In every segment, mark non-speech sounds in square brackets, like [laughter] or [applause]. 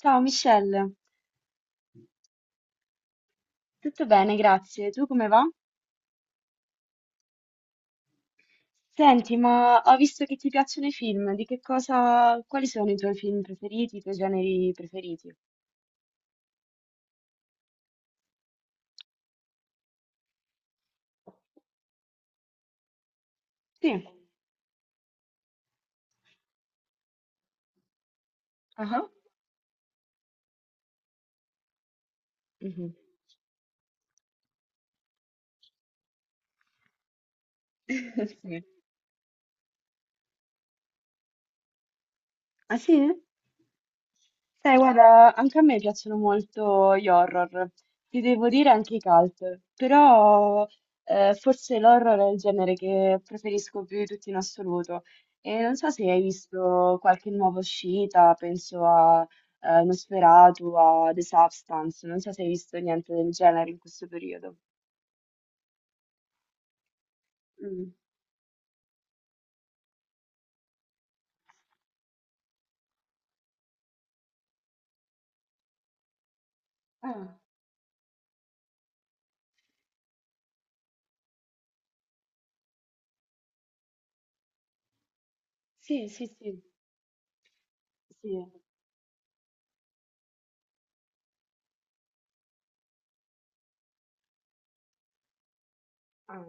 Ciao Michelle, tutto bene, grazie. Tu come va? Senti, ma ho visto che ti piacciono i film, di che cosa, quali sono i tuoi film preferiti, i tuoi generi preferiti? Sì. Ah. Mhm. [laughs] Sì. Ah sì? Sai, guarda, anche a me piacciono molto gli horror, ti devo dire anche i cult, però forse l'horror è il genere che preferisco più di tutti in assoluto. E non so se hai visto qualche nuova uscita, penso a Nosferatu, a The Substance, non so se hai visto niente del genere in questo periodo. Mm. Ah, sì, sì, sì, sì. Ah,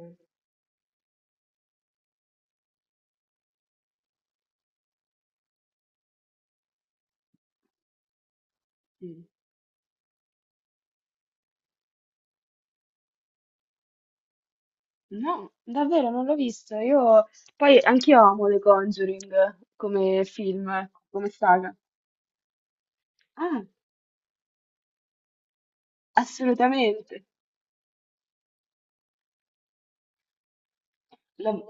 sì. No, davvero non l'ho visto. Io poi anch'io amo The Conjuring come film, come saga. Ah, assolutamente. Lo-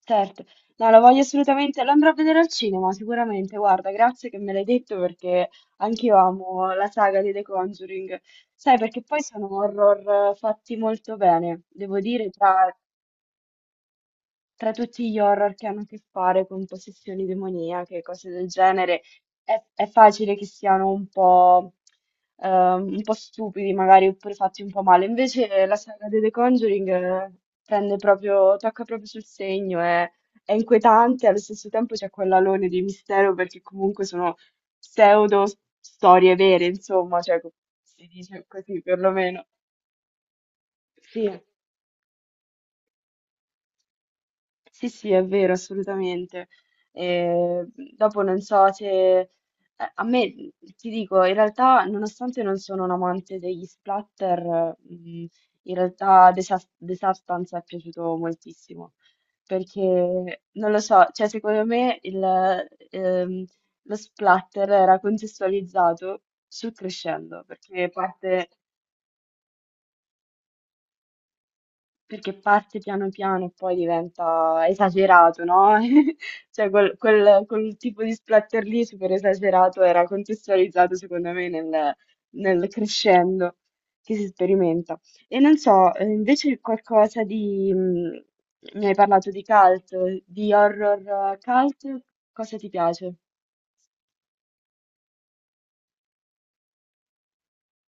Certo. No, lo voglio assolutamente. Lo andrò a vedere al cinema, sicuramente. Guarda, grazie che me l'hai detto perché anch'io amo la saga di The Conjuring. Sai, perché poi sono horror fatti molto bene, devo dire, tra tutti gli horror che hanno a che fare con possessioni demoniache, cose del genere, è facile che siano un po' stupidi, magari, oppure fatti un po' male. Invece la saga di The Conjuring prende proprio, tocca proprio sul segno, è inquietante, allo stesso tempo c'è quell'alone di mistero perché comunque sono pseudo storie vere, insomma, si dice così perlomeno. Sì. Sì, sì, è vero, assolutamente. Eh, dopo non so se. A me, ti dico, in realtà, nonostante non sono un amante degli splatter, in realtà The Substance è piaciuto moltissimo. Perché, non lo so, cioè secondo me lo splatter era contestualizzato sul crescendo, perché parte... Perché parte piano piano e poi diventa esagerato, no? [laughs] Cioè quel tipo di splatter lì super esagerato era contestualizzato secondo me nel crescendo che si sperimenta. E non so, invece qualcosa di. Mi hai parlato di cult, di horror cult, cosa ti piace?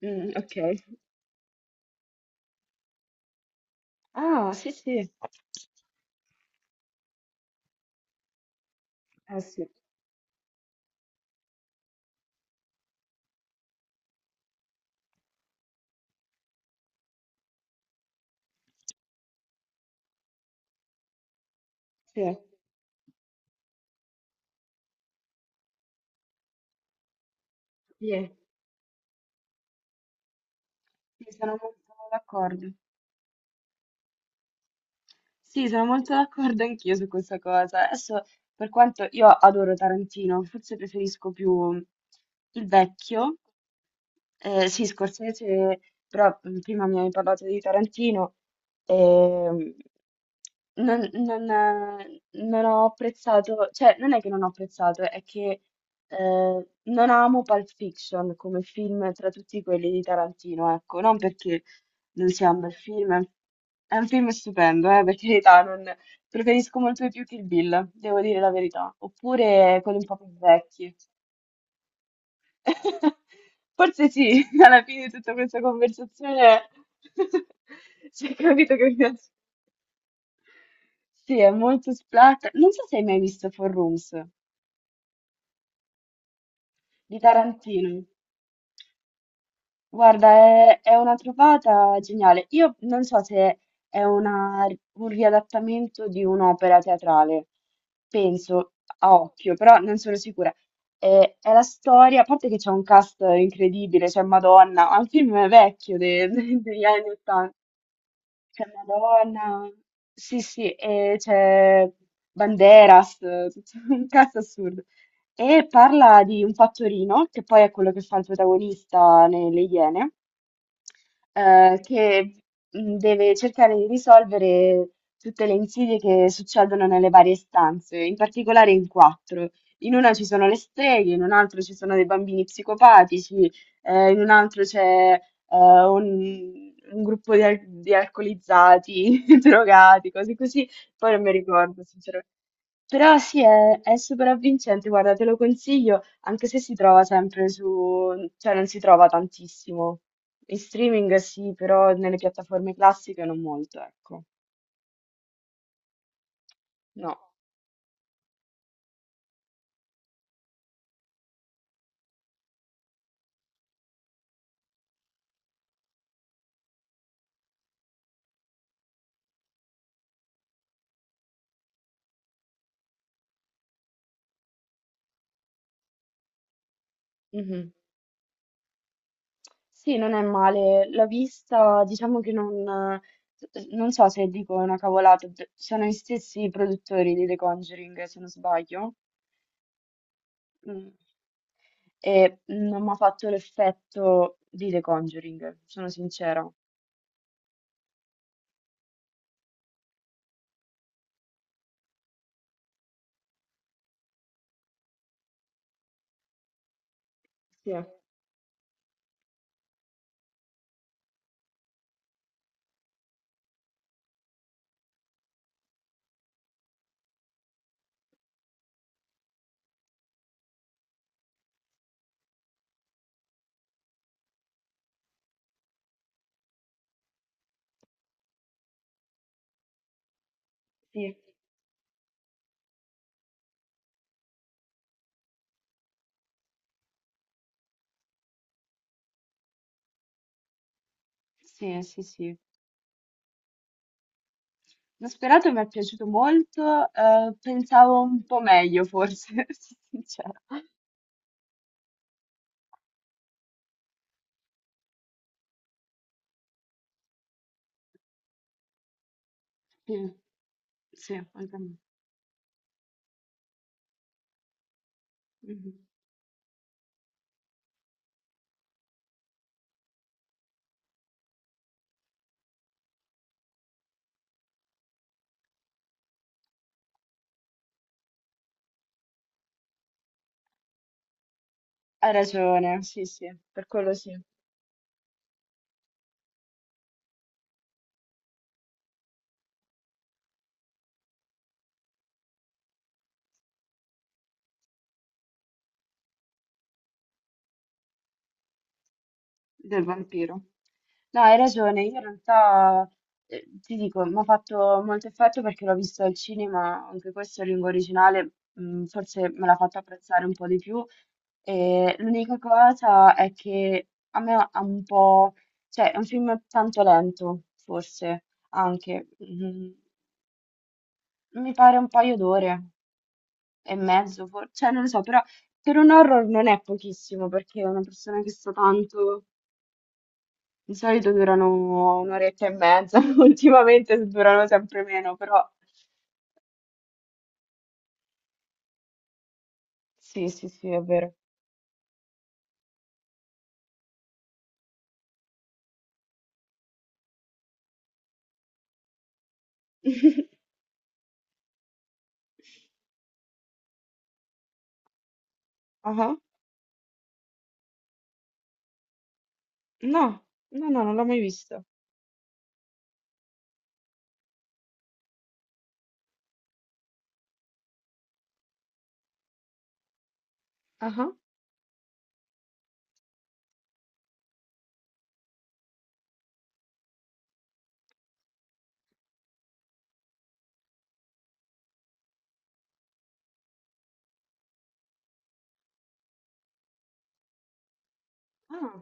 Mm, ok. Ah, sì, sì. Eh sì, sì, sì, sì, sono molto d'accordo. Sì, sono molto d'accordo anch'io su questa cosa. Adesso, per quanto io adoro Tarantino, forse preferisco più il vecchio, sì, Scorsese, però prima mi hai parlato di Tarantino, ehm, non ho apprezzato, cioè non è che non ho apprezzato, è che non amo Pulp Fiction come film tra tutti quelli di Tarantino, ecco, non perché non sia un bel film, è un film stupendo, per carità. Preferisco molto di più Kill Bill, devo dire la verità, oppure quelli un po' più vecchi. [laughs] Forse sì, alla fine di tutta questa conversazione [laughs] si è capito che mi piace. Sì, è molto splatter. Non so se hai mai visto Four Rooms di Tarantino. Guarda, è una trovata geniale. Io non so se è una- un riadattamento di un'opera teatrale, penso a occhio, però non sono sicura. È la storia, a parte che c'è un cast incredibile, c'è Madonna, ma il film è vecchio degli anni 80. C'è Madonna, sì, sì, e c'è Banderas, tutto un cast assurdo e parla di un fattorino, che poi è quello che fa il protagonista nelle Iene, che deve cercare di risolvere tutte le insidie che succedono nelle varie stanze, in particolare in quattro. In una ci sono le streghe, in un altro ci sono dei bambini psicopatici, in un altro c'è un gruppo di alcolizzati, [laughs] drogati, cose così. Poi non mi ricordo, sinceramente. Però sì, è super avvincente, guarda, te lo consiglio, anche se si trova sempre su, cioè non si trova tantissimo. In streaming sì, però nelle piattaforme classiche non molto, ecco. No. Mhm. Sì, non è male. L'ho vista, diciamo che non so se dico una cavolata, sono gli stessi produttori di The Conjuring, se non sbaglio. Mm. E non mi ha fatto l'effetto di The Conjuring, sono sincera. Sì. Sì. Sì, sì, sì. L'ho sperato, mi è piaciuto molto, pensavo un po' meglio forse, [laughs] sono sincera. Sì, sì, anche a me. Mhm. Hai ragione, sì, sì, per quello sì. Del vampiro. No, hai ragione, io in realtà ti dico, mi ha fatto molto effetto perché l'ho visto al cinema, anche questo in lingua originale, forse me l'ha fatto apprezzare un po' di più. E l'unica cosa è che a me ha un po', cioè è un film tanto lento, forse anche, mi pare un paio d'ore e mezzo. Cioè non lo so, però per un horror non è pochissimo perché una persona che sta tanto... Di solito durano un'oretta e mezza, [laughs] ultimamente durano sempre meno, però sì, sì, sì, è vero. [laughs] Ah, no, no, no, non l'ho mai visto. Ah, ah,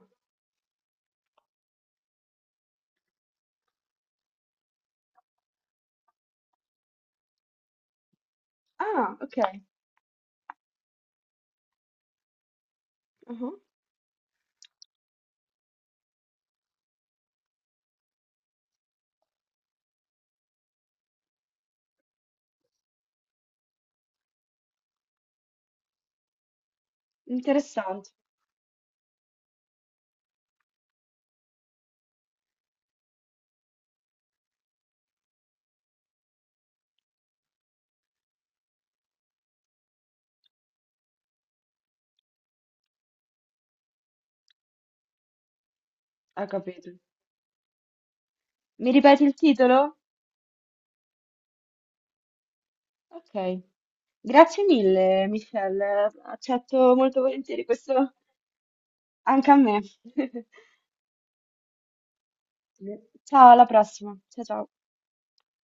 ah, ok. Ah, interessante. Ho capito. Mi ripeti il titolo? Ok. Grazie mille, Michelle. Accetto molto volentieri questo anche a me. [laughs] Ciao, alla prossima. Ciao, ciao.